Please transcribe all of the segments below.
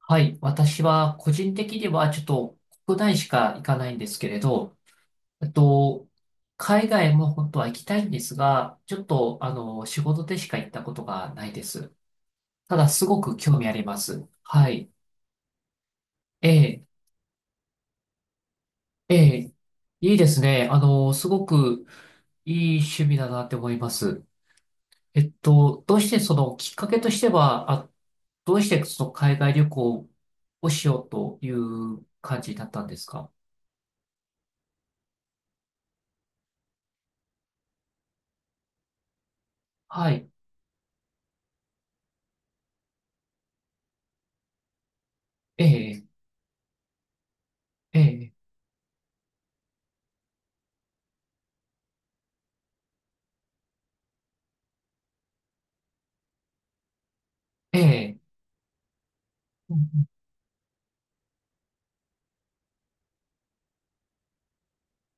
はい。私は個人的にはちょっと国内しか行かないんですけれど、えっと、海外も本当は行きたいんですが、ちょっと仕事でしか行ったことがないです。ただ、すごく興味あります。はい。ええ、ええ、いいですね。すごくいい趣味だなって思います。えっと、どうしてそのきっかけとしては、あ、どうしてその海外旅行をしようという感じだったんですか？はい。ええええ、ええ、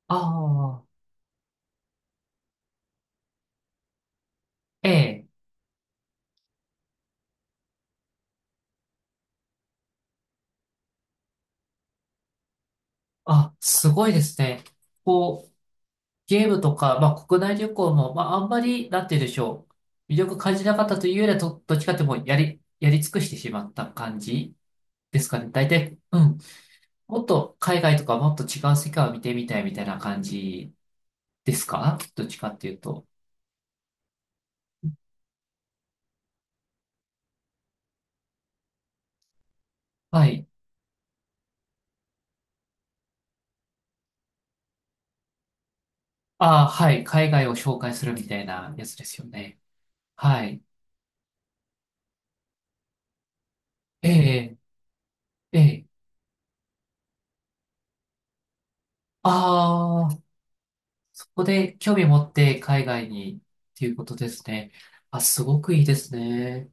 ああー、ええ、あ、すごいですね。こう、ゲームとか、まあ、国内旅行も、まあ、あんまり、なんて言うんでしょう。魅力感じなかったというよりは、どっちかってもうやり尽くしてしまった感じですかね。大体、うん。もっと海外とかもっと違う世界を見てみたいみたいな感じですか、どっちかっていうと？はい。ああ、はい。海外を紹介するみたいなやつですよね。はい。ええ、ええ。ああ。ここで興味持って海外にっていうことですね。あ、すごくいいですね。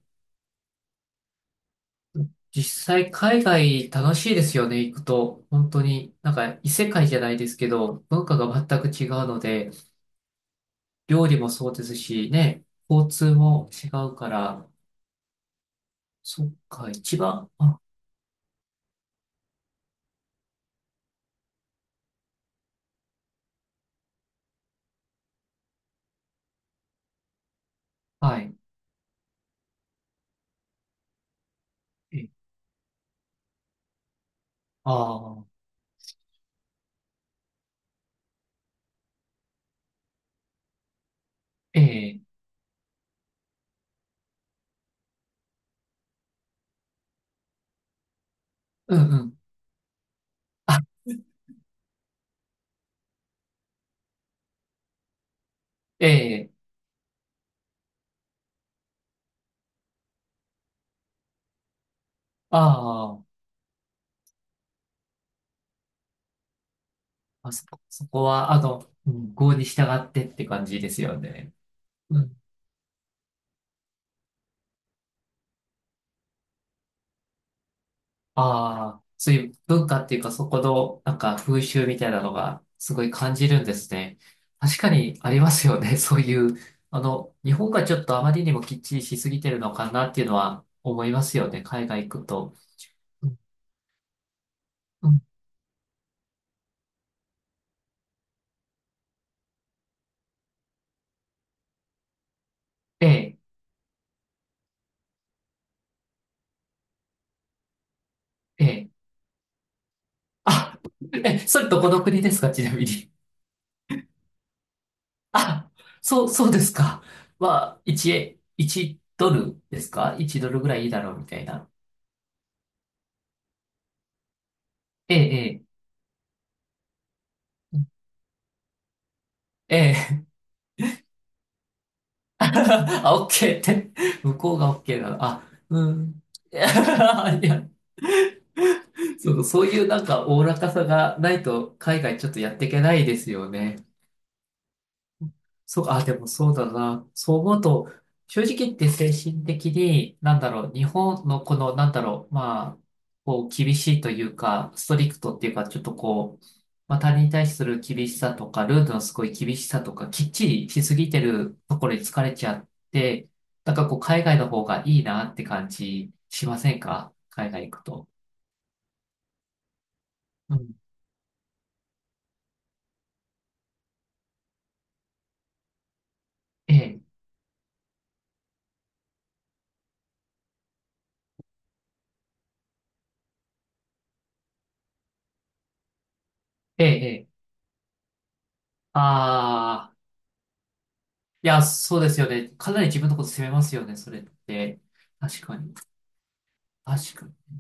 実際海外楽しいですよね、行くと。本当に、なんか異世界じゃないですけど、文化が全く違うので、料理もそうですし、ね、交通も違うから、そっか、一番、あ、はい、え、ああ、ええ、うんうん、あ、ええ、ああ、そこは、うん、郷に従ってって感じですよね。うん、ああ、そういう文化っていうか、そこの、なんか風習みたいなのが、すごい感じるんですね。確かにありますよね。そういう、日本がちょっとあまりにもきっちりしすぎてるのかなっていうのは思いますよね。海外行くと。うんうん、ええ、ええ。あ、え、それどこの国ですか、ちなみに？あ、そう、そうですか。まあ、1ドルですか？ 1 ドルぐらいいいだろうみたいな。ええ、ええ、ええ。あ、オッケーって。向こうがオッケーなの。あ、うん。いや、いや、そう、そういうなんかおおらかさがないと海外ちょっとやっていけないですよね。そう、あ、でもそうだな。そう思うと、正直言って精神的に、なんだろう、日本のこの、なんだろう、まあ、こう、厳しいというか、ストリクトっていうか、ちょっとこう、まあ、他人に対する厳しさとか、ルールのすごい厳しさとか、きっちりしすぎてるところに疲れちゃって、なんかこう、海外の方がいいなって感じしませんか、海外行くと？うん。ええ、ええ、ええ。ああ。いや、そうですよね。かなり自分のこと責めますよね、それって。確かに。確かに。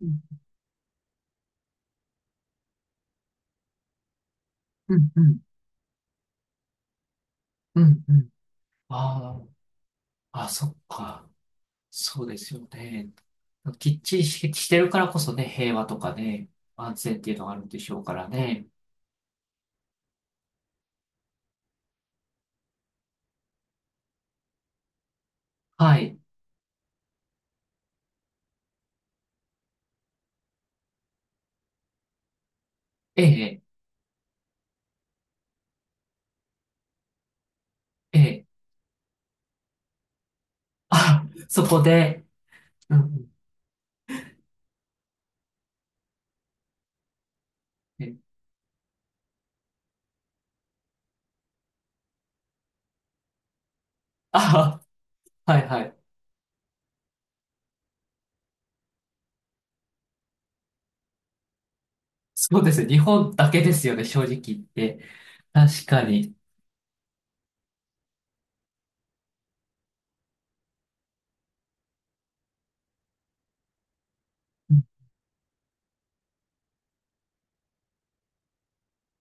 うん、うん、うん、うん。うん、ああ、あ、そっか。そうですよね。きっちりし、してるからこそね、平和とかね、安全っていうのがあるんでしょうからね。はい。ええ、ええ。あ、そこで、うん、うん、ええ、あ、はい、はい。そうですね。日本だけですよね、正直言って。確かに。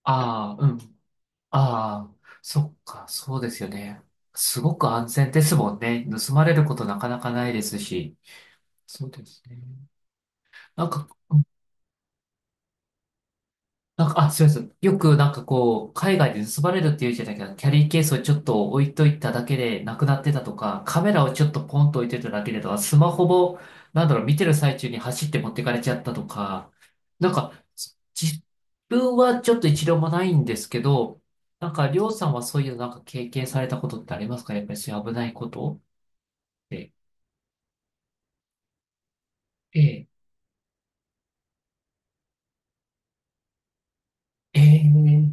ああ、うん。ああ、そっか、そうですよね。すごく安全ですもんね。盗まれることなかなかないですし。そうですね。なんか、なんか、あ、すいません。よくなんかこう、海外で盗まれるっていうじゃないけど、キャリーケースをちょっと置いといただけでなくなってたとか、カメラをちょっとポンと置いてただけでとか、スマホも、なんだろう、見てる最中に走って持ってかれちゃったとか、なんか、自分はちょっと一度もないんですけど、なんか、りょうさんはそういうなんか経験されたことってありますか、やっぱりそういう危ないことって？ええ、ええ、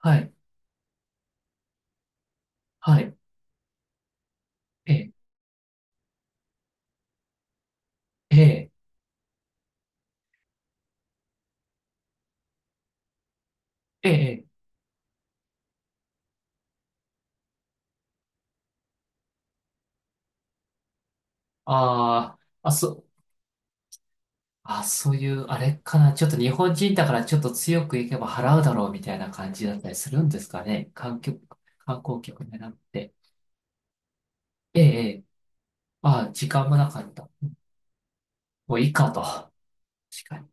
はい、はい、ええ、ええ、ええ、ああ、あ、あ、そういう、あれかな。ちょっと日本人だからちょっと強くいけば払うだろうみたいな感じだったりするんですかね。観光客狙って。ええ、ええ。あ、時間もなかった。もういいかと。確か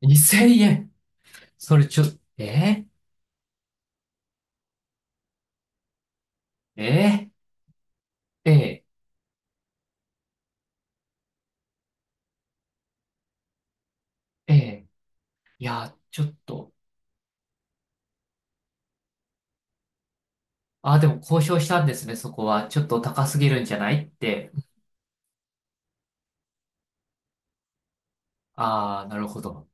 に。2000円。それちょ、ええ、ええ、ええ、ええ。いや、ちょっと。あ、でも交渉したんですね、そこは。ちょっと高すぎるんじゃないって。ああ、なるほど。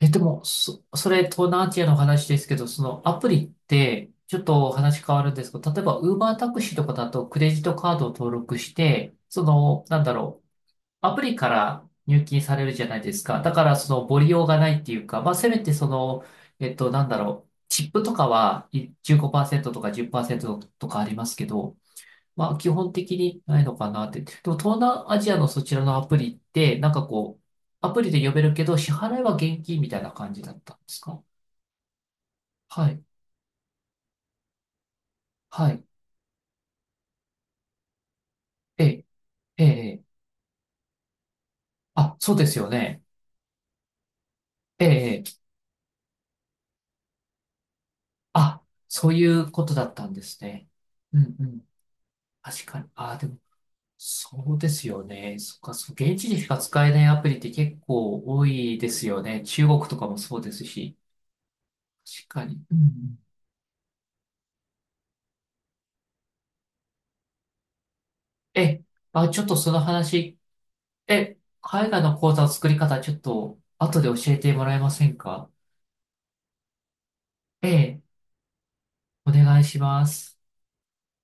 え、でも、それ、東南アジアの話ですけど、そのアプリって、ちょっと話変わるんですけど、例えば、ウーバータクシーとかだと、クレジットカードを登録して、その、なんだろう、アプリから入金されるじゃないですか。だから、その、ボリ用がないっていうか、まあ、せめて、その、なんだろう、チップとかは、15%とか10%とかありますけど、まあ、基本的にないのかなって。でも、東南アジアのそちらのアプリって、なんかこう、アプリで呼べるけど、支払いは現金みたいな感じだったんですか？はい。はい。ええ、ええ、ええ、あ、そうですよね。ええ、ええ、あ、そういうことだったんですね。うん、うん。確かに。あ、でも、そうですよね。そっか、そう、現地でしか使えないアプリって結構多いですよね。中国とかもそうですし。確かに。うんうん。えちょっとその話え、海外の講座の作り方、ちょっと後で教えてもらえませんか？ええ、お願いします。